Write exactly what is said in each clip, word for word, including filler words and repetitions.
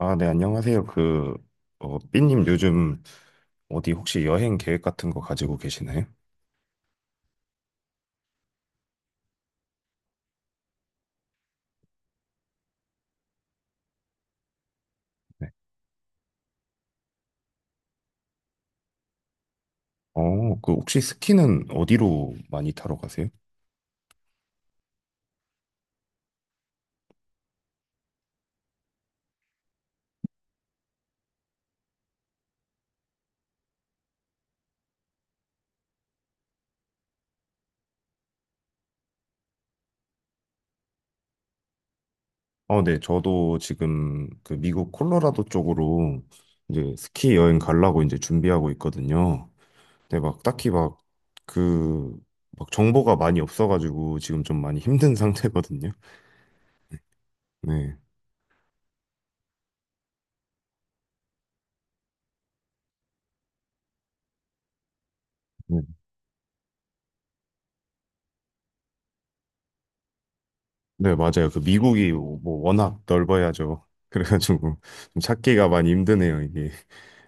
아, 네, 안녕하세요. 그, 어, 삐님 요즘 어디 혹시 여행 계획 같은 거 가지고 계시나요? 네. 어, 그 혹시 스키는 어디로 많이 타러 가세요? 어, 네, 저도 지금 그 미국 콜로라도 쪽으로 이제 스키 여행 가려고 이제 준비하고 있거든요. 근데 막 딱히 막 그, 막 정보가 많이 없어가지고 지금 좀 많이 힘든 상태거든요. 네. 네, 네, 맞아요. 그 미국이 뭐 워낙 넓어야죠. 그래가지고 좀 찾기가 많이 힘드네요, 이게.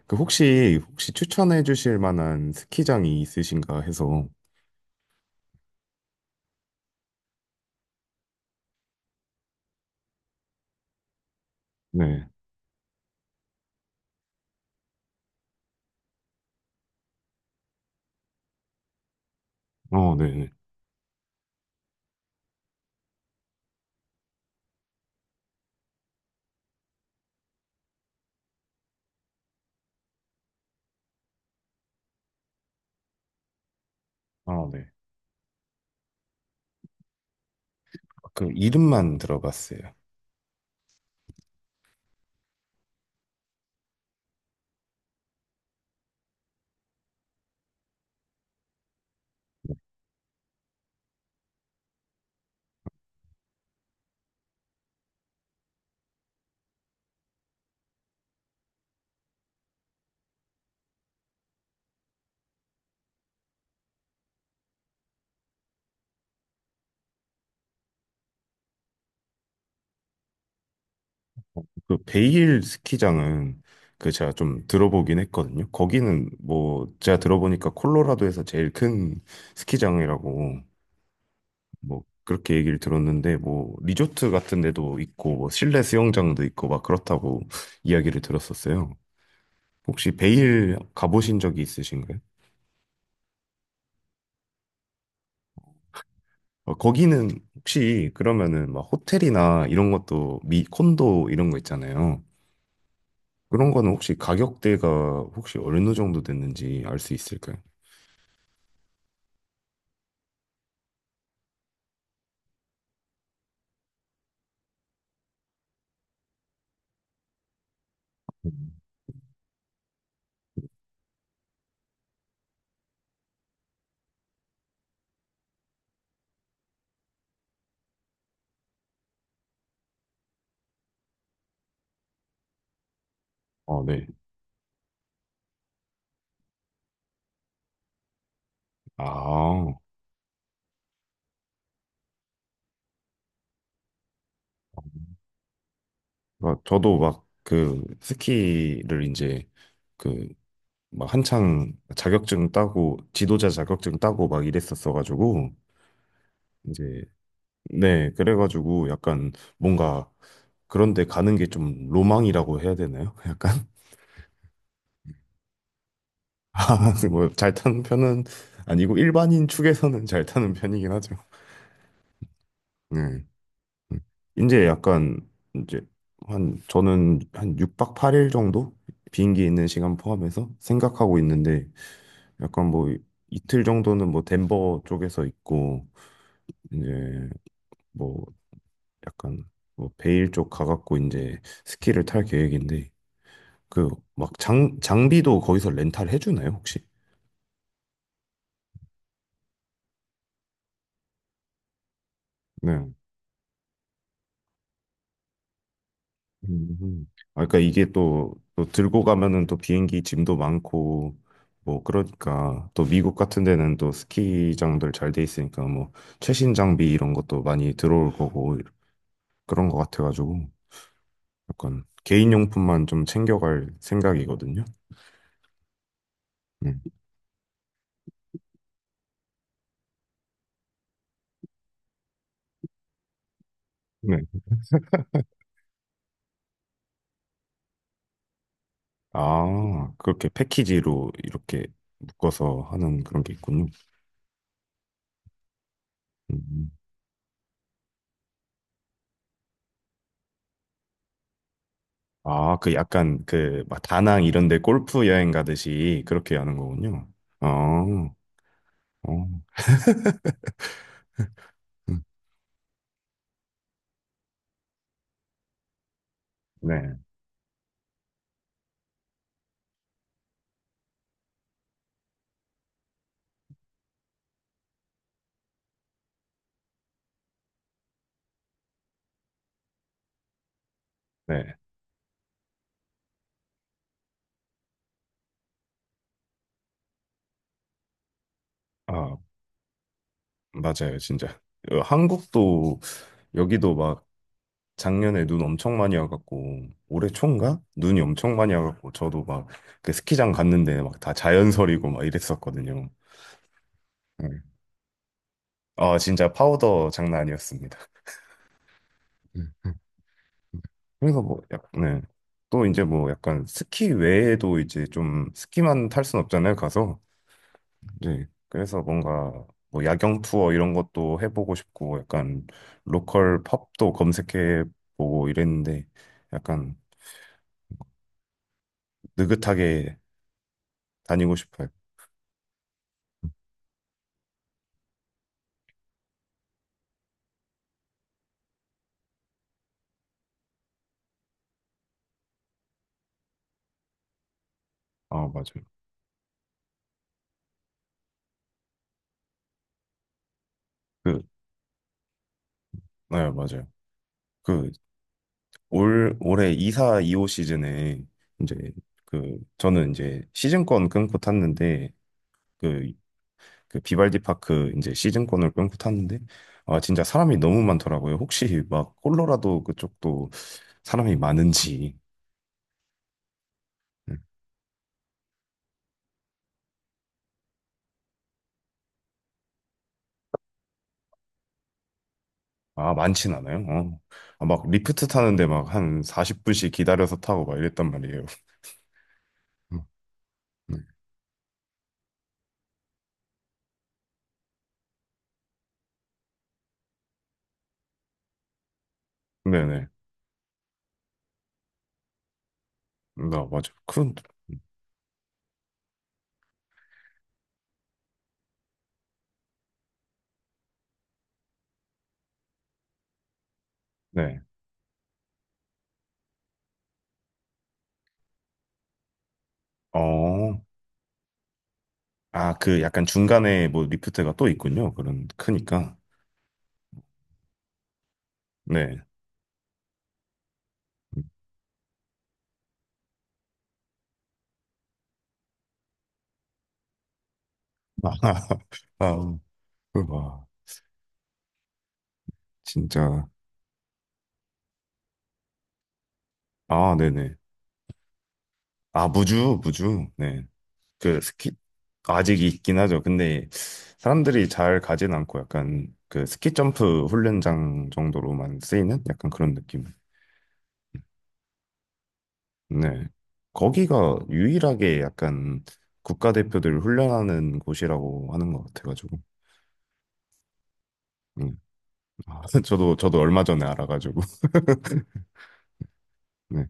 그 혹시 혹시 추천해 주실 만한 스키장이 있으신가 해서. 네. 어, 네네. 아, 네. 그 이름만 들어봤어요. 그 베일 스키장은 그 제가 좀 들어보긴 했거든요. 거기는 뭐 제가 들어보니까 콜로라도에서 제일 큰 스키장이라고 뭐 그렇게 얘기를 들었는데, 뭐 리조트 같은 데도 있고 뭐 실내 수영장도 있고 막 그렇다고 이야기를 들었었어요. 혹시 베일 가보신 적이 있으신가요? 어, 거기는 혹시 그러면은 막 호텔이나 이런 것도 미 콘도 이런 거 있잖아요. 그런 거는 혹시 가격대가 혹시 어느 정도 됐는지 알 수 있을까요? 음. 어, 네. 아, 그러니까 저도 막 그 스키를 이제 그 막 한창 자격증 따고 지도자 자격증 따고 막 이랬었어가지고 이제. 네, 그래가지고 약간 뭔가 그런데 가는 게 좀 로망이라고 해야 되나요? 약간. 아, 뭐, 잘 타는 편은 아니고, 일반인 축에서는 잘 타는 편이긴 하죠. 네. 음. 이제 약간, 이제, 한, 저는 한 육 박 팔 일 정도? 비행기 있는 시간 포함해서 생각하고 있는데, 약간 뭐, 이틀 정도는 뭐, 덴버 쪽에서 있고, 이제, 뭐, 약간, 뭐, 베일 쪽 가갖고, 이제, 스키를 탈 계획인데, 그, 막, 장, 장비도 거기서 렌탈 해주나요, 혹시? 네. 음. 아, 그러니까 이게 또, 또 들고 가면은 또 비행기 짐도 많고, 뭐, 그러니까 또 미국 같은 데는 또 스키장들 잘 돼 있으니까 뭐, 최신 장비 이런 것도 많이 들어올 거고, 그런 거 같아가지고, 약간 개인용품만 좀 챙겨갈 생각이거든요. 음. 네. 아, 그렇게 패키지로 이렇게 묶어서 하는 그런 게 있군요. 음. 아, 그 약간 그, 막 다낭 이런 데 골프 여행 가듯이 그렇게 하는 거군요. 어. 어, 음, 네, 네. 아, 맞아요, 진짜. 어, 한국도 여기도 막 작년에 눈 엄청 많이 와갖고 올해 초인가? 눈이 엄청 많이 와갖고 저도 막 그 스키장 갔는데 막 다 자연설이고 막 이랬었거든요. 네. 아, 진짜 파우더 장난 아니었습니다. 음, 음, 음. 그래서 뭐 약, 네. 또 이제 뭐 약간 스키 외에도 이제 좀 스키만 탈 순 없잖아요, 가서. 네. 그래서 뭔가 뭐 야경 투어 이런 것도 해보고 싶고 약간 로컬 펍도 검색해 보고 이랬는데 약간 느긋하게 다니고 싶어요. 아, 맞아요. 그, 네, 맞아요. 그 올, 올해 이 사 이 호 시즌에 이제 그 저는 이제 시즌권 끊고 탔는데 그, 그 비발디 파크 이제 시즌권을 끊고 탔는데 아, 진짜 사람이 너무 많더라고요. 혹시 막 콜로라도 그쪽도 사람이 많은지. 음. 아, 많진 않아요. 어. 아, 막 리프트 타는데 막 한 사십 분씩 기다려서 타고 막 이랬단 말이에요. 음, 네. 네네. 나 맞아. 큰, 네. 어. 아, 그 약간 중간에 뭐 리프트가 또 있군요. 그런 크니까. 네. 음. 아, 그 와, 진짜. 아, 네네. 아, 무주, 무주. 네. 그 스키, 아직 있긴 하죠. 근데 사람들이 잘 가진 않고 약간 그 스키 점프 훈련장 정도로만 쓰이는 약간 그런 느낌. 네. 거기가 유일하게 약간 국가대표들 훈련하는 곳이라고 하는 것 같아가지고. 네. 아, 저도, 저도 얼마 전에 알아가지고. 네.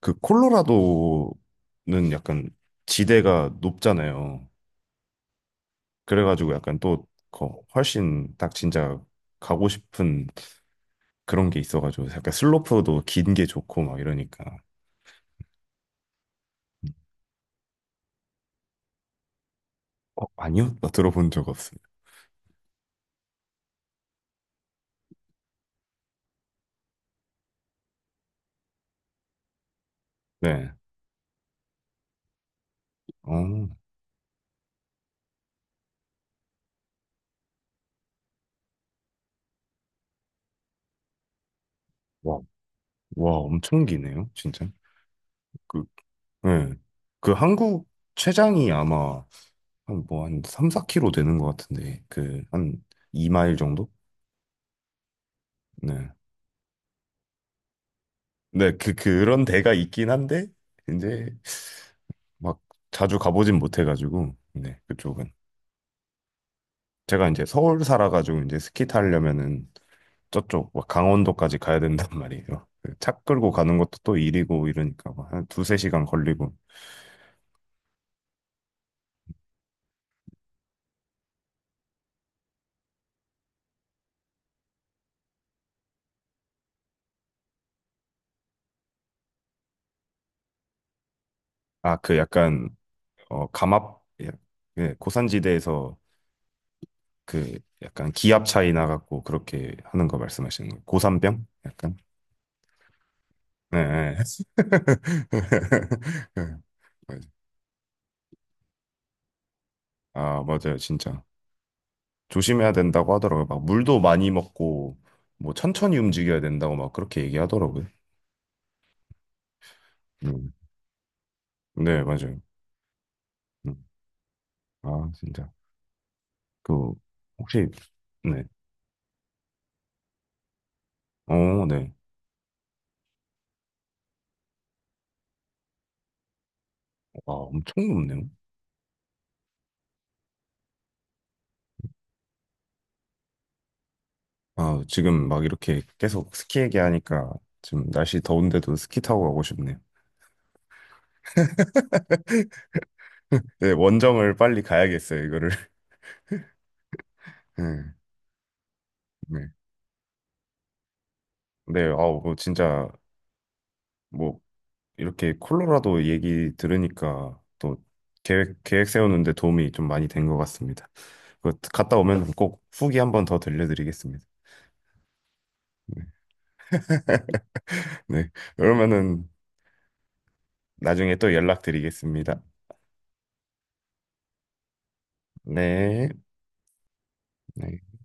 그 콜로라도는 약간 지대가 높잖아요. 그래가지고 약간 또 거- 훨씬 딱 진짜 가고 싶은 그런 게 있어가지고 약간 슬로프도 긴 게 좋고 막 이러니까. 어, 아니요? 나 들어본 적 없어요. 네. 어, 와, 와, 엄청 기네요, 진짜. 그. 네. 그 한국 최장이 아마 한 뭐 한 삼, 사 킬로미터 되는 것 같은데 그 한 이 마일 정도? 네. 네, 그 그런 데가 있긴 한데 이제 막 자주 가보진 못해가지고 네 그쪽은 제가 이제 서울 살아가지고 이제 스키 타려면은 저쪽 막 강원도까지 가야 된단 말이에요. 그차 끌고 가는 것도 또 일이고 이러니까 막한 두세 시간 걸리고. 아 그 약간 어 감압 예, 예, 고산지대에서 그 약간 기압 차이 나갖고 그렇게 하는 거 말씀하시는 거예요? 고산병? 약간? 네. 네. 아 아, 맞아요. 진짜. 조심해야 된다고 하더라고요. 막 물도 많이 먹고 뭐 천천히 움직여야 된다고 막 그렇게 얘기하더라고요. 음. 네, 맞아요. 음. 아, 진짜. 그 혹시. 네. 어, 네. 와, 엄청 높네요. 아, 지금 막 이렇게 계속 스키 얘기하니까 지금 날씨 더운데도 스키 타고 가고 싶네요. 네, 원정을 빨리 가야겠어요, 이거를. 네, 네. 네, 아우, 뭐, 진짜, 뭐, 이렇게 콜로라도 얘기 들으니까 또 계획, 계획 세우는데 도움이 좀 많이 된 것 같습니다. 그 갔다 오면 꼭 후기 한번 더 들려드리겠습니다. 네. 네. 그러면은 나중에 또 연락드리겠습니다. 네. 네.